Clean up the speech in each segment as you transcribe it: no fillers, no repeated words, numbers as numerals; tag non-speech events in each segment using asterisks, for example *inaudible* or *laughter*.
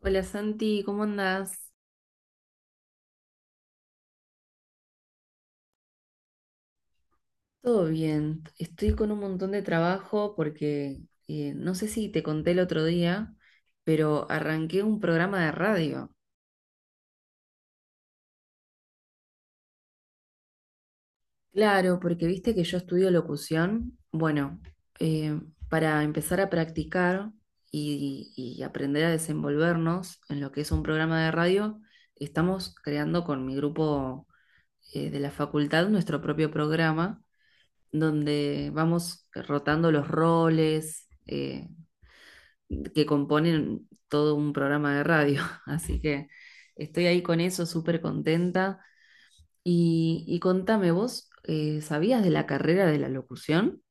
Hola Santi, ¿cómo andás? Todo bien, estoy con un montón de trabajo porque no sé si te conté el otro día, pero arranqué un programa de radio. Claro, porque viste que yo estudio locución. Bueno, eh, para empezar a practicar y aprender a desenvolvernos en lo que es un programa de radio, estamos creando con mi grupo de la facultad nuestro propio programa donde vamos rotando los roles que componen todo un programa de radio. *laughs* Así que estoy ahí con eso, súper contenta. Y contame, vos, ¿sabías de la carrera de la locución?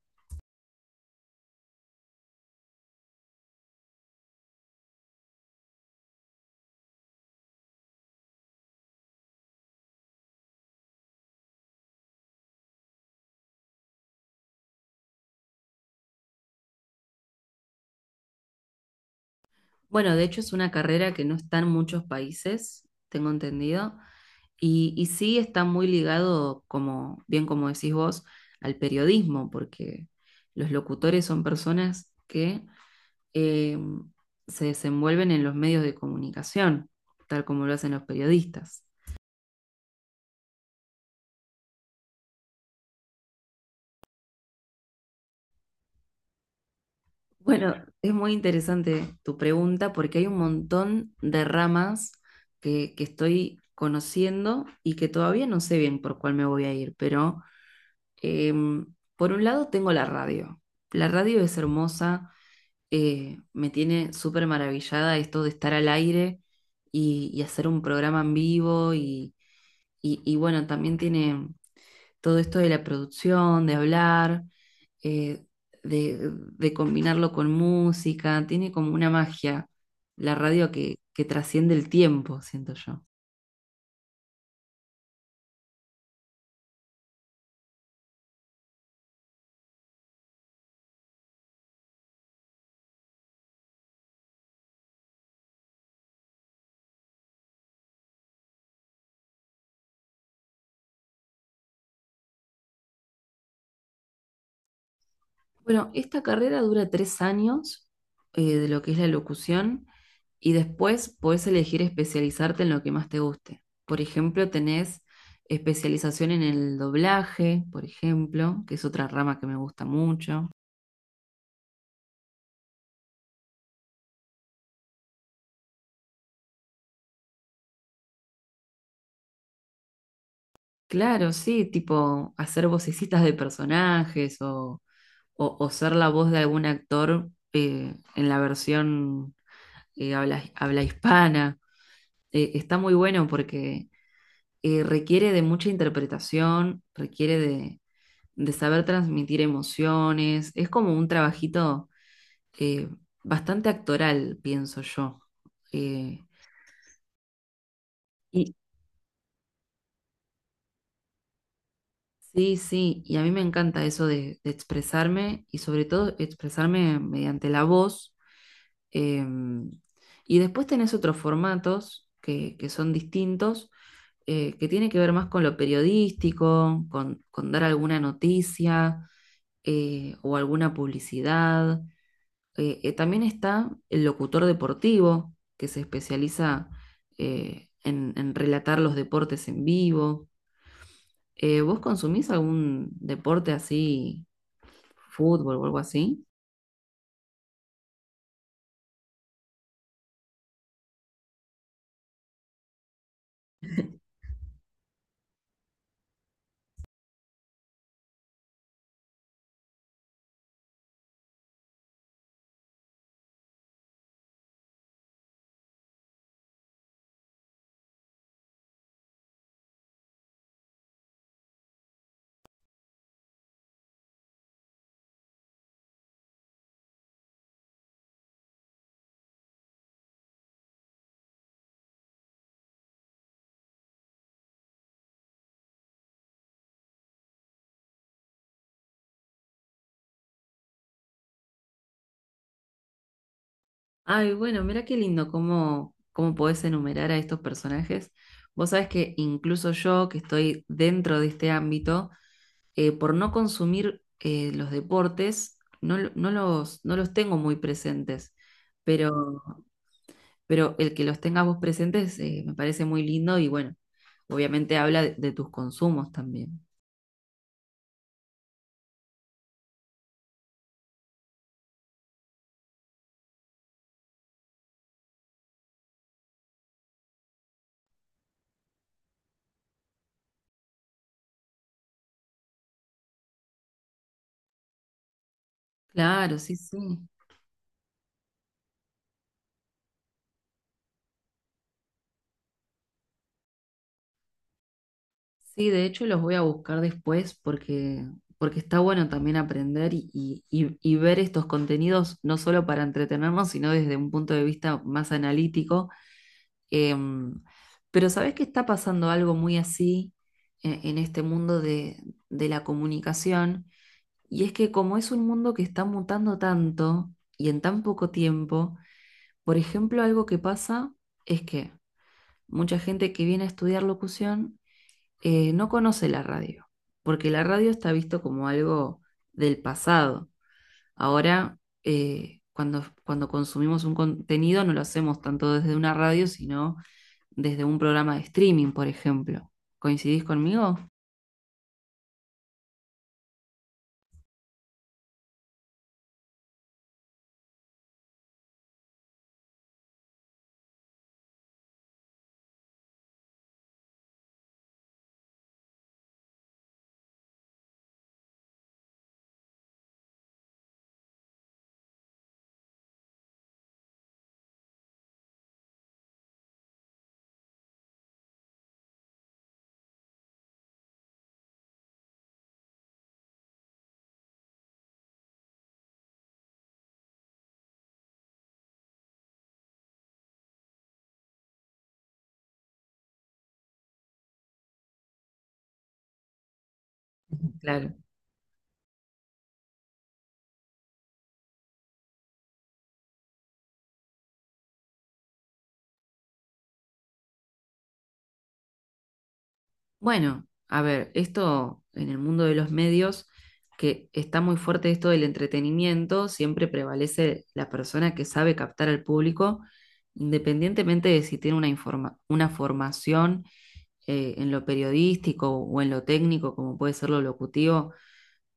Bueno, de hecho es una carrera que no está en muchos países, tengo entendido, y sí está muy ligado, como bien como decís vos, al periodismo, porque los locutores son personas que eh, se desenvuelven en los medios de comunicación, tal como lo hacen los periodistas. Bueno, es muy interesante tu pregunta porque hay un montón de ramas que estoy conociendo y que todavía no sé bien por cuál me voy a ir, pero eh, por un lado tengo la radio. La radio es hermosa, me tiene súper maravillada esto de estar al aire y hacer un programa en vivo y bueno, también tiene todo esto de la producción, de hablar, eh, de combinarlo con música, tiene como una magia la radio que trasciende el tiempo, siento yo. Bueno, esta carrera dura 3 años de lo que es la locución y después podés elegir especializarte en lo que más te guste. Por ejemplo, tenés especialización en el doblaje, por ejemplo, que es otra rama que me gusta mucho. Claro, sí, tipo hacer vocecitas de personajes o ser la voz de algún actor en la versión habla hispana. Está muy bueno porque requiere de mucha interpretación, requiere de saber transmitir emociones. Es como un trabajito eh, bastante actoral, pienso yo. Eh, Sí, sí, y a mí me encanta eso de expresarme y sobre todo expresarme mediante la voz. em, y después tenés otros formatos que son distintos, que tiene que ver más con lo periodístico, con dar alguna noticia o alguna publicidad. También está el locutor deportivo, que se especializa en relatar los deportes en vivo. ¿Vos consumís algún deporte así? ¿Fútbol o algo así? Ay, bueno, mira qué lindo cómo, cómo podés enumerar a estos personajes. Vos sabés que incluso yo, que estoy dentro de este ámbito, por no consumir los deportes, no, no no los tengo muy presentes. Pero, pero el que los tengas vos presentes me parece muy lindo y bueno, obviamente habla de tus consumos también. Claro, sí, sí. Sí, de hecho los voy a buscar después porque, porque está bueno también aprender y ver estos contenidos no solo para entretenernos, sino desde un punto de vista más analítico. Em, pero ¿sabés que está pasando algo muy así en este mundo de la comunicación? Y es que como es un mundo que está mutando tanto y en tan poco tiempo, por ejemplo, algo que pasa es que mucha gente que viene a estudiar locución, no conoce la radio, porque la radio está visto como algo del pasado. Ahora, cuando consumimos un contenido, no lo hacemos tanto desde una radio, sino desde un programa de streaming, por ejemplo. ¿Coincidís conmigo? Claro. Bueno, a ver, esto en el mundo de los medios, que está muy fuerte esto del entretenimiento, siempre prevalece la persona que sabe captar al público, independientemente de si tiene una, una formación en lo periodístico o en lo técnico, como puede ser lo locutivo,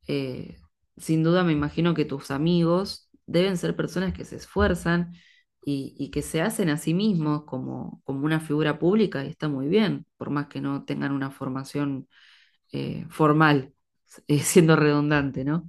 eh, sin duda me imagino que tus amigos deben ser personas que se esfuerzan y que se hacen a sí mismos como, como una figura pública y está muy bien, por más que no tengan una formación formal, *laughs* siendo redundante, ¿no?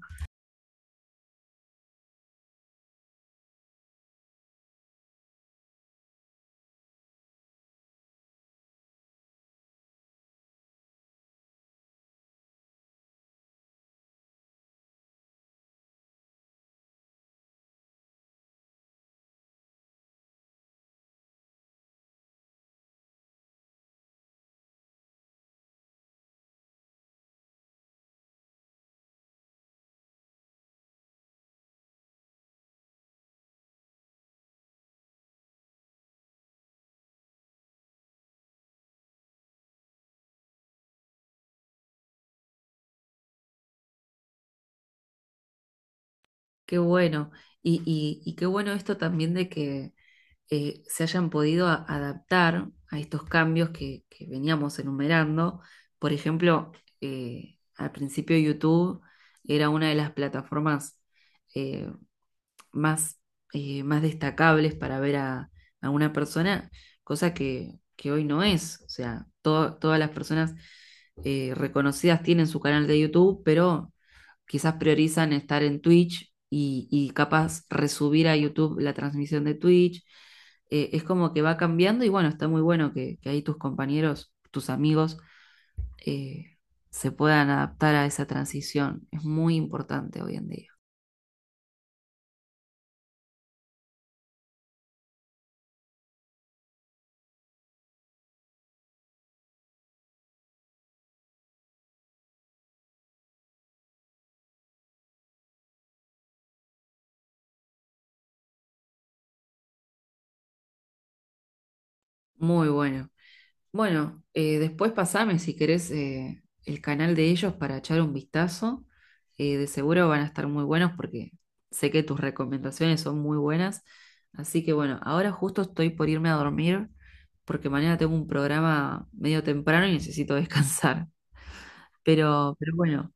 Qué bueno. Y qué bueno esto también de que se hayan podido adaptar a estos cambios que veníamos enumerando. Por ejemplo, al principio YouTube era una de las plataformas eh, más, más destacables para ver a una persona, cosa que hoy no es. O sea, todas las personas reconocidas tienen su canal de YouTube, pero quizás priorizan estar en Twitch y capaz resubir a YouTube la transmisión de Twitch. Es como que va cambiando y bueno, está muy bueno que ahí tus compañeros, tus amigos, eh, se puedan adaptar a esa transición. Es muy importante hoy en día. Muy bueno. Bueno, después pasame si querés el canal de ellos para echar un vistazo. De seguro van a estar muy buenos porque sé que tus recomendaciones son muy buenas. Así que bueno, ahora justo estoy por irme a dormir porque mañana tengo un programa medio temprano y necesito *laughs* descansar. Pero bueno,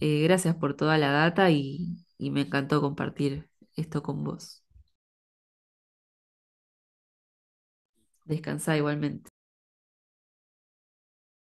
gracias por toda la data y me encantó compartir esto con vos. Descansá igualmente.